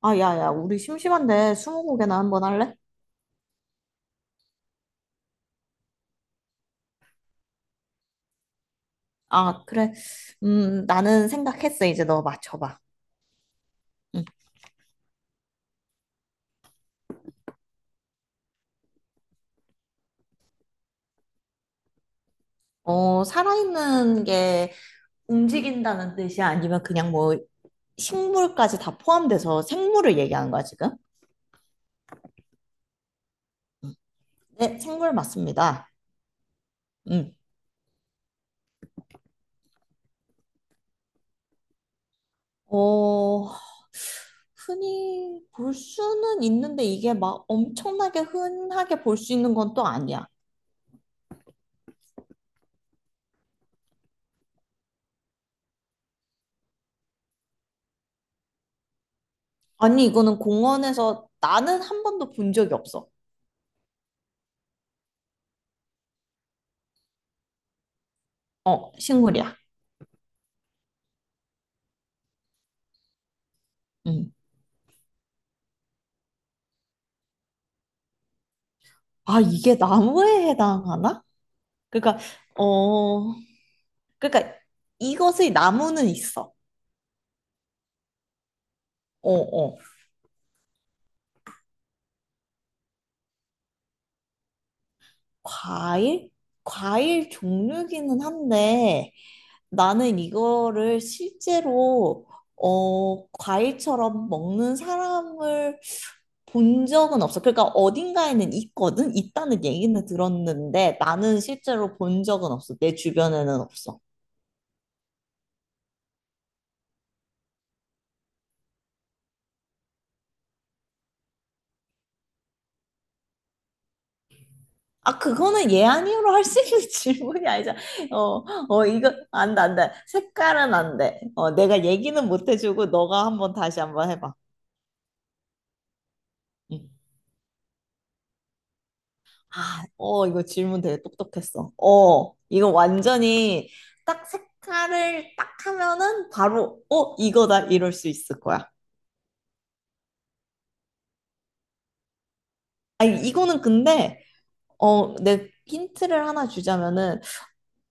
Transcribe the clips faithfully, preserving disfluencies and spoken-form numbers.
아, 야, 야, 우리 심심한데 스무고개나 한번 할래? 아, 그래. 음, 나는 생각했어. 이제 너 맞춰봐. 응. 어, 살아있는 게 움직인다는 뜻이야? 아니면 그냥 뭐 식물까지 다 포함돼서 생물을 얘기하는 거야, 지금? 네, 생물 맞습니다. 응. 어, 흔히 볼 수는 있는데 이게 막 엄청나게 흔하게 볼 수 있는 건 또 아니야. 아니, 이거는 공원에서 나는 한 번도 본 적이 없어. 어, 식물이야. 음. 아, 이게 나무에 해당하나? 그러니까, 어, 그러니까 이것의 나무는 있어. 어, 어. 과일? 과일 종류기는 한데 나는 이거를 실제로 어, 과일처럼 먹는 사람을 본 적은 없어. 그러니까 어딘가에는 있거든? 있다는 얘기는 들었는데 나는 실제로 본 적은 없어. 내 주변에는 없어. 아, 그거는 예, 아니요로 할 수 있는 질문이 아니잖아. 어, 어, 이거, 안 돼, 안 돼. 색깔은 안 돼. 어, 내가 얘기는 못 해주고, 너가 한번 다시 한번 해봐. 응. 아, 어, 이거 질문 되게 똑똑했어. 어, 이거 완전히 딱 색깔을 딱 하면은 바로, 어, 이거다, 이럴 수 있을 거야. 아니, 이거는 근데, 어, 내 힌트를 하나 주자면은,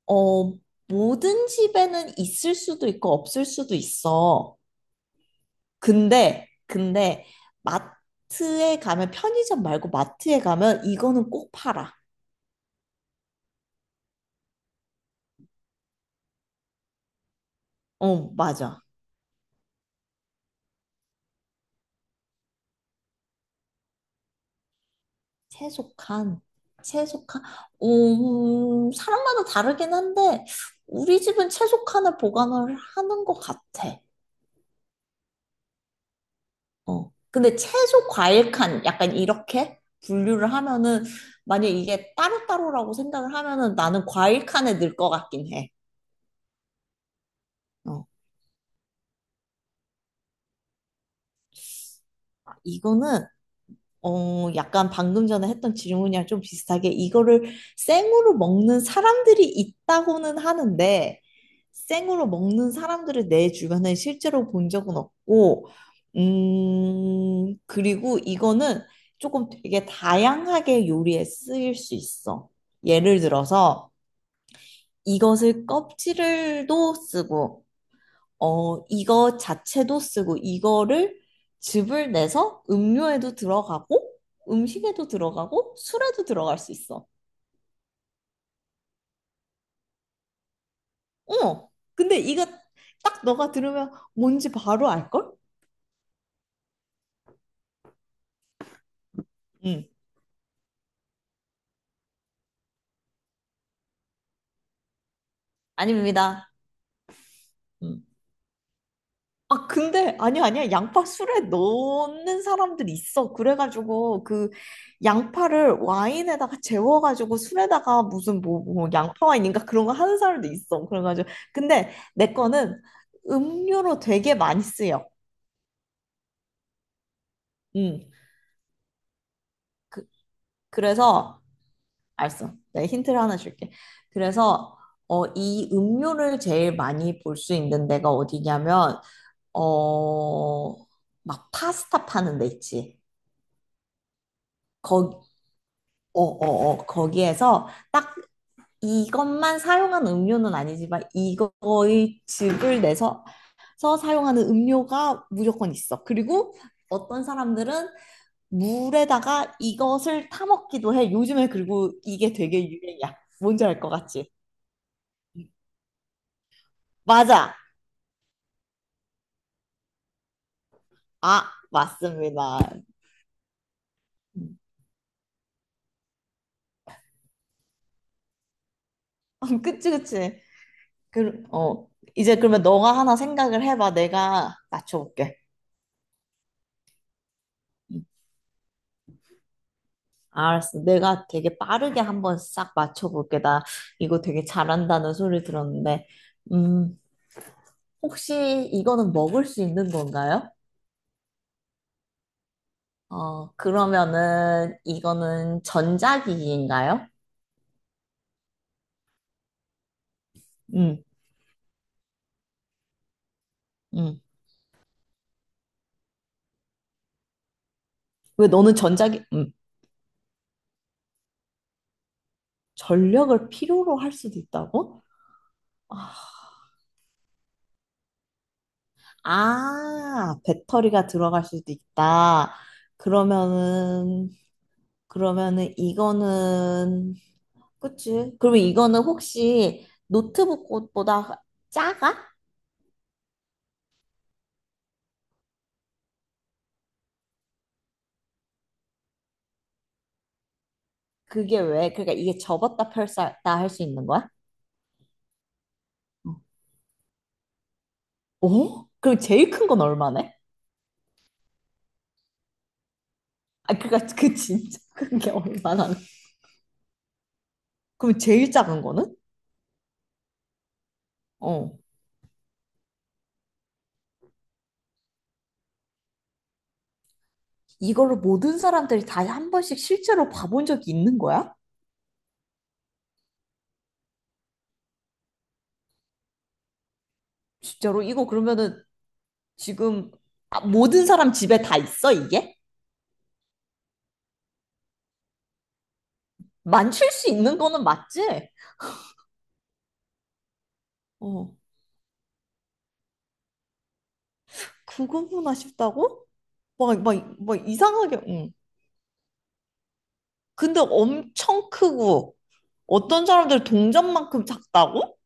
어, 모든 집에는 있을 수도 있고, 없을 수도 있어. 근데 근데 마트에 가면 편의점 말고 마트에 가면 이거는 꼭 팔아. 어, 맞아. 채소칸. 채소칸. 음, 사람마다 다르긴 한데 우리 집은 채소칸을 보관을 하는 것 같아. 어. 근데 채소 과일 칸 약간 이렇게 분류를 하면은 만약 이게 따로따로라고 생각을 하면은 나는 과일 칸에 넣을 것 같긴 해. 어. 아, 이거는 어, 약간 방금 전에 했던 질문이랑 좀 비슷하게 이거를 생으로 먹는 사람들이 있다고는 하는데 생으로 먹는 사람들을 내 주변에 실제로 본 적은 없고 음, 그리고 이거는 조금 되게 다양하게 요리에 쓰일 수 있어. 예를 들어서 이것을 껍질을도 쓰고 어, 이거 자체도 쓰고 이거를 즙을 내서 음료에도 들어가고 음식에도 들어가고 술에도 들어갈 수 있어. 어. 근데 이거 딱 너가 들으면 뭔지 바로 알걸? 응. 아닙니다. 음. 아, 근데, 아니야, 아니야. 양파 술에 넣는 사람들 있어. 그래가지고, 그, 양파를 와인에다가 재워가지고, 술에다가 무슨 뭐, 뭐, 양파 와인인가 그런 거 하는 사람도 있어. 그래가지고. 근데 내 거는 음료로 되게 많이 쓰여. 음. 그, 그래서, 알았어. 내가 힌트를 하나 줄게. 그래서, 어, 이 음료를 제일 많이 볼 수 있는 데가 어디냐면, 어, 막 파스타 파는 데 있지. 거기 어, 어, 어. 거기에서 딱 이것만 사용한 음료는 아니지만 이거의 즙을 내서 서 사용하는 음료가 무조건 있어. 그리고 어떤 사람들은 물에다가 이것을 타먹기도 해. 요즘에 그리고 이게 되게 유행이야. 뭔지 알 것 같지? 맞아. 아, 맞습니다. 음. 그치, 그치. 그, 어. 이제 그러면 너가 하나 생각을 해봐. 내가 맞춰볼게. 음. 알았어. 내가 되게 빠르게 한번 싹 맞춰볼게. 나 이거 되게 잘한다는 소리 들었는데, 음, 혹시 이거는 먹을 수 있는 건가요? 어, 그러면은 이거는 전자기기인가요? 음, 음. 왜 너는 전자기, 음, 전력을 필요로 할 수도 있다고? 아, 배터리가 들어갈 수도 있다. 그러면은, 그러면은 이거는 그치? 그러면 이거는 혹시 노트북 꽃보다 작아? 그게 왜? 그러니까 이게 접었다 펼쳤다 할 수 있는 거야? 어? 그럼 제일 큰 건 얼마네? 아, 그니까 그 진짜 큰 게 얼마나? 그럼 제일 작은 거는? 어. 이걸로 모든 사람들이 다 한 번씩 실제로 봐본 적이 있는 거야? 진짜로? 이거 그러면은 지금 아, 모든 사람 집에 다 있어, 이게? 만질 수 있는 거는 맞지? 어. 그거구나 싶다고? 막, 막, 막 이상하게, 응. 근데 엄청 크고 어떤 사람들 동전만큼 작다고?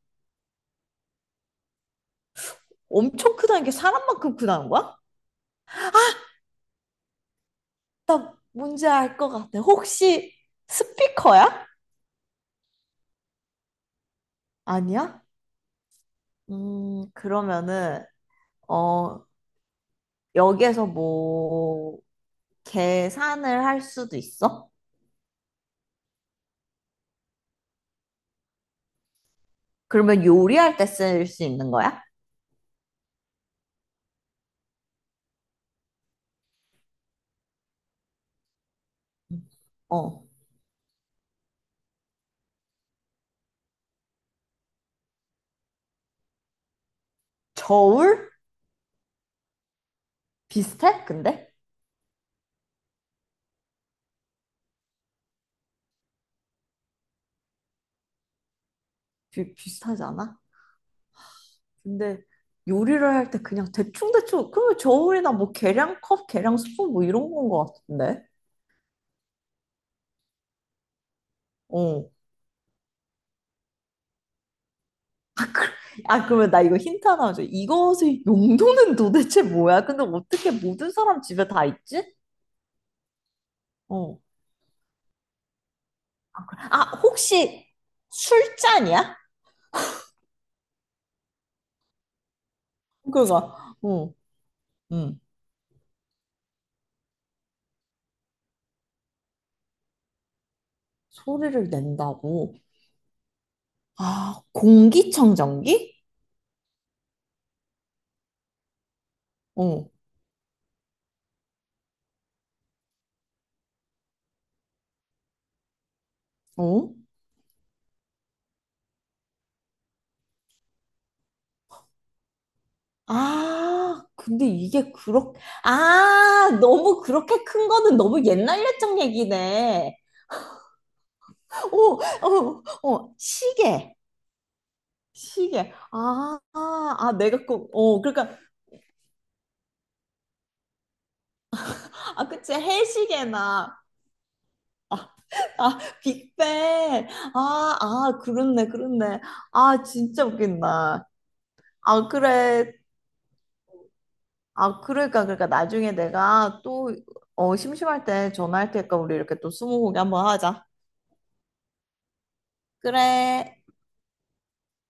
엄청 크다는 게 사람만큼 크다는 거야? 나 뭔지 알 것 같아. 혹시 스피커야? 아니야? 음, 그러면은 어, 여기에서 뭐 계산을 할 수도 있어? 그러면 요리할 때 쓸 수 있는 거야? 어. 저울? 비슷해? 근데? 비, 비슷하지 않아? 근데 요리를 할 때 그냥 대충대충, 그러면 저울이나 뭐 계량컵, 계량스푼 뭐 이런 건 것 같은데? 어. 아, 그러면 나 이거 힌트 하나 줘. 이것의 용도는 도대체 뭐야? 근데 어떻게 모든 사람 집에 다 있지? 어. 아, 혹시 술잔이야? 그거. 어. 음. 소리를 낸다고. 아, 공기청정기? 어. 어? 아, 근데 이게 그렇게, 아, 너무 그렇게 큰 거는 너무 옛날 옛적 얘기네. 오, 어, 어, 시계. 시계. 아, 아, 아, 내가 꼭, 어, 그러니까, 아, 그치, 해시계나, 아, 빅뱅. 아, 아, 그렇네, 그렇네. 아, 진짜 웃긴다. 아, 그래. 아, 그러니까, 그러니까, 나중에 내가 또, 어, 심심할 때 전화할 테니까 우리 이렇게 또 스무고개 한번 하자. 그래.